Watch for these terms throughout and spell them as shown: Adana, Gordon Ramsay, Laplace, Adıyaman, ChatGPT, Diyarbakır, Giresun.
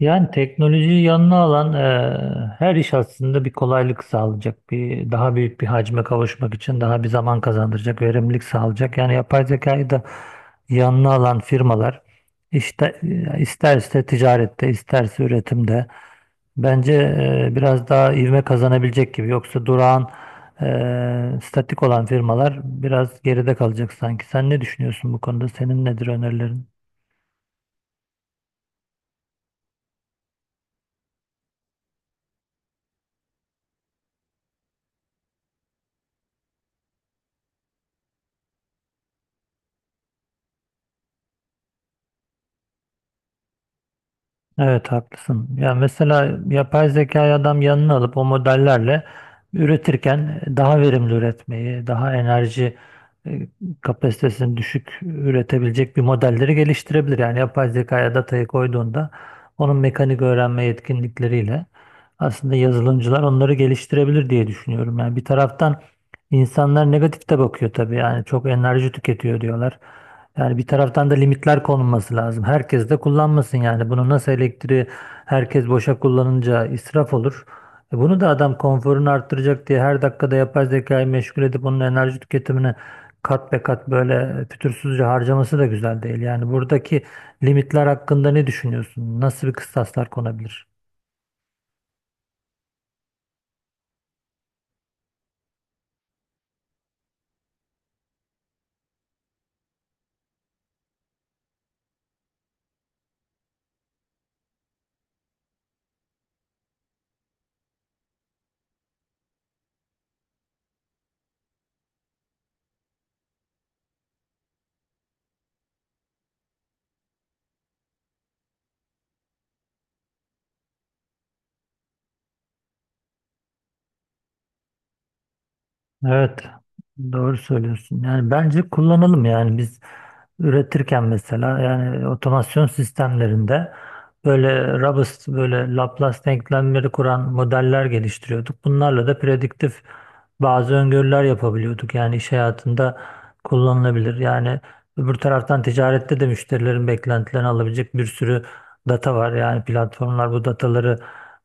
Yani teknolojiyi yanına alan her iş aslında bir kolaylık sağlayacak. Bir daha büyük bir hacme kavuşmak için daha bir zaman kazandıracak, verimlilik sağlayacak. Yani yapay zekayı da yanına alan firmalar işte isterse ticarette, isterse üretimde bence biraz daha ivme kazanabilecek gibi. Yoksa durağan, statik olan firmalar biraz geride kalacak sanki. Sen ne düşünüyorsun bu konuda? Senin nedir önerilerin? Evet haklısın. Ya mesela yapay zekayı adam yanına alıp o modellerle üretirken daha verimli üretmeyi, daha enerji e, kapasitesini düşük üretebilecek bir modelleri geliştirebilir. Yani yapay zekaya datayı koyduğunda onun mekanik öğrenme yetkinlikleriyle aslında yazılımcılar onları geliştirebilir diye düşünüyorum. Yani bir taraftan insanlar negatif de bakıyor tabii. Yani çok enerji tüketiyor diyorlar. Yani bir taraftan da limitler konulması lazım. Herkes de kullanmasın yani. Bunu nasıl elektriği herkes boşa kullanınca israf olur. E bunu da adam konforunu arttıracak diye her dakikada yapay zekayı meşgul edip onun enerji tüketimini kat be kat böyle fütursuzca harcaması da güzel değil. Yani buradaki limitler hakkında ne düşünüyorsun? Nasıl bir kıstaslar konabilir? Evet, doğru söylüyorsun. Yani bence kullanalım yani biz üretirken mesela yani otomasyon sistemlerinde böyle robust böyle Laplace denklemleri kuran modeller geliştiriyorduk. Bunlarla da prediktif bazı öngörüler yapabiliyorduk. Yani iş hayatında kullanılabilir. Yani öbür taraftan ticarette de müşterilerin beklentilerini alabilecek bir sürü data var. Yani platformlar bu dataları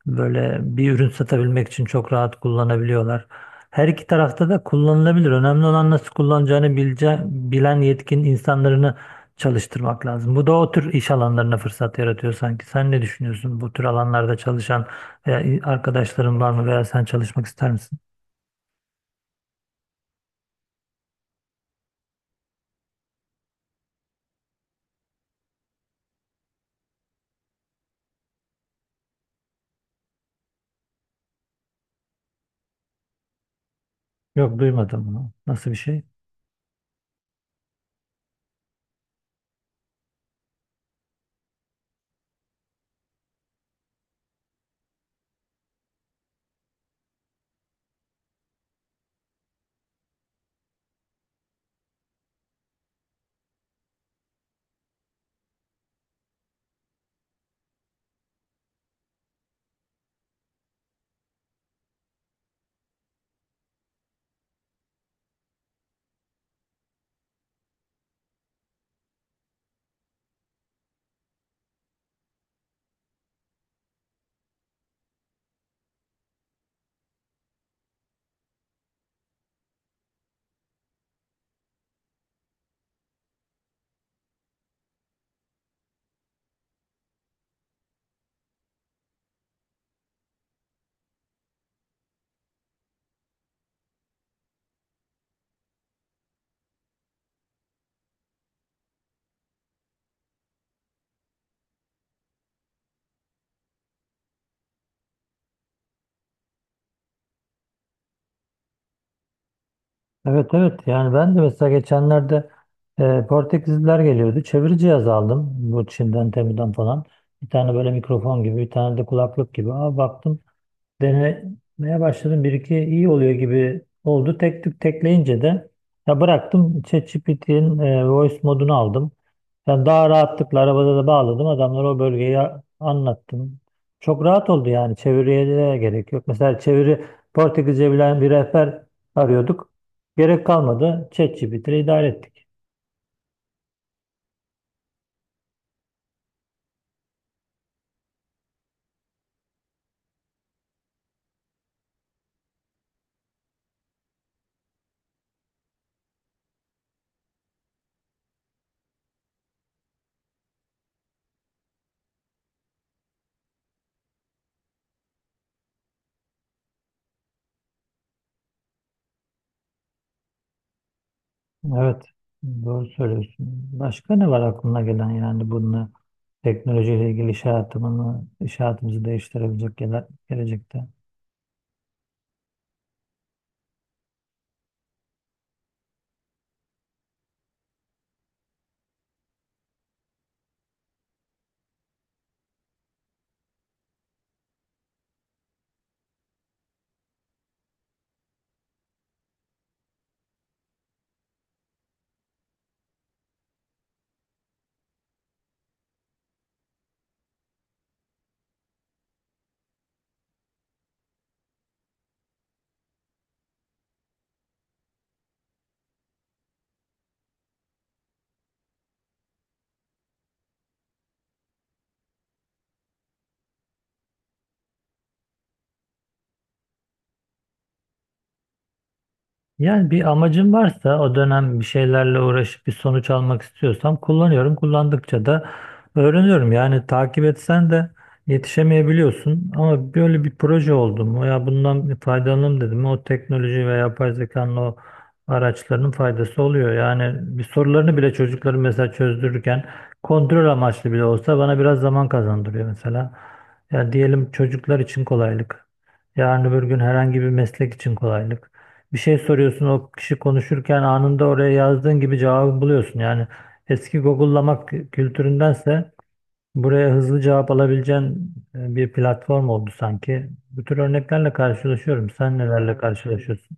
böyle bir ürün satabilmek için çok rahat kullanabiliyorlar. Her iki tarafta da kullanılabilir. Önemli olan nasıl kullanacağını bilen yetkin insanlarını çalıştırmak lazım. Bu da o tür iş alanlarına fırsat yaratıyor sanki. Sen ne düşünüyorsun? Bu tür alanlarda çalışan veya arkadaşların var mı veya sen çalışmak ister misin? Yok duymadım bunu. Nasıl bir şey? Evet evet yani ben de mesela geçenlerde Portekizliler geliyordu. Çeviri cihazı aldım bu Çin'den Temu'dan falan. Bir tane böyle mikrofon gibi bir tane de kulaklık gibi. Aa, baktım denemeye başladım. Bir iki iyi oluyor gibi oldu. Tek tük tekleyince de ya bıraktım. ChatGPT'nin voice modunu aldım. Yani daha rahatlıkla arabada da bağladım. Adamlara o bölgeyi anlattım. Çok rahat oldu yani. Çeviriye de gerek yok. Mesela çeviri Portekizce bilen bir rehber arıyorduk. Gerek kalmadı. ChatGPT ile idare ettik. Evet, doğru söylüyorsun. Başka ne var aklına gelen yani bunu teknolojiyle ilgili iş hayatımını, iş hayatımızı değiştirebilecek gelecekte? Yani bir amacım varsa o dönem bir şeylerle uğraşıp bir sonuç almak istiyorsam kullanıyorum. Kullandıkça da öğreniyorum. Yani takip etsen de yetişemeyebiliyorsun. Ama böyle bir proje oldu mu ya bundan bir faydalanalım dedim. O teknoloji ve yapay zekanın o araçlarının faydası oluyor. Yani bir sorularını bile çocukların mesela çözdürürken kontrol amaçlı bile olsa bana biraz zaman kazandırıyor mesela. Ya diyelim çocuklar için kolaylık. Yarın öbür gün herhangi bir meslek için kolaylık bir şey soruyorsun o kişi konuşurken anında oraya yazdığın gibi cevabı buluyorsun. Yani eski Google'lamak kültüründense buraya hızlı cevap alabileceğin bir platform oldu sanki. Bu tür örneklerle karşılaşıyorum. Sen nelerle Evet. karşılaşıyorsun?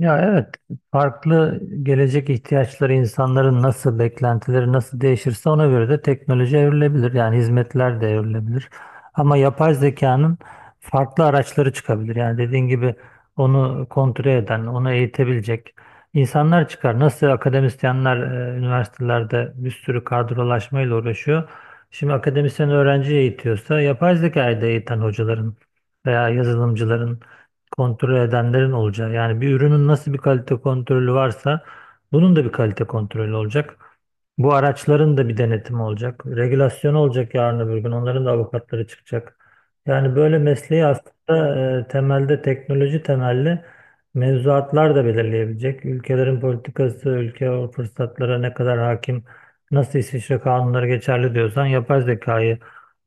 Ya evet, farklı gelecek ihtiyaçları insanların nasıl, beklentileri nasıl değişirse ona göre de teknoloji evrilebilir. Yani hizmetler de evrilebilir. Ama yapay zekanın farklı araçları çıkabilir. Yani dediğin gibi onu kontrol eden, onu eğitebilecek insanlar çıkar. Nasıl akademisyenler üniversitelerde bir sürü kadrolaşmayla uğraşıyor. Şimdi akademisyen öğrenci eğitiyorsa yapay zekayı da eğiten hocaların veya yazılımcıların kontrol edenlerin olacağı. Yani bir ürünün nasıl bir kalite kontrolü varsa bunun da bir kalite kontrolü olacak. Bu araçların da bir denetimi olacak. Regülasyon olacak yarın öbür gün. Onların da avukatları çıkacak. Yani böyle mesleği aslında temelde teknoloji temelli mevzuatlar da belirleyebilecek. Ülkelerin politikası, ülke o fırsatlara ne kadar hakim, nasıl İsviçre kanunları geçerli diyorsan yapay zekayı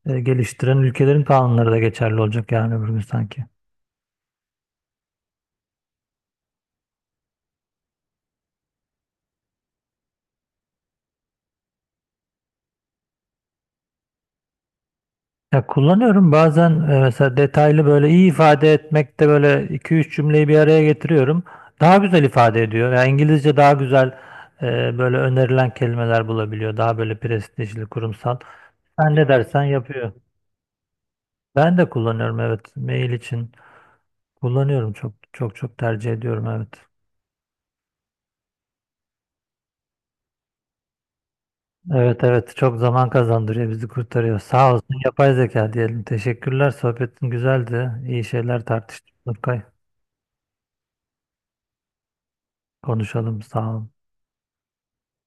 geliştiren ülkelerin kanunları da geçerli olacak yarın öbür gün sanki. Ya kullanıyorum bazen mesela detaylı böyle iyi ifade etmekte böyle iki üç cümleyi bir araya getiriyorum. Daha güzel ifade ediyor. Yani İngilizce daha güzel böyle önerilen kelimeler bulabiliyor. Daha böyle prestijli, kurumsal. Sen ne dersen yapıyor. Ben de kullanıyorum evet. Mail için kullanıyorum. Çok çok çok tercih ediyorum evet. Evet evet çok zaman kazandırıyor bizi kurtarıyor. Sağ olsun yapay zeka diyelim. Teşekkürler sohbetin güzeldi. İyi şeyler tartıştık Nurkay. Konuşalım sağ ol.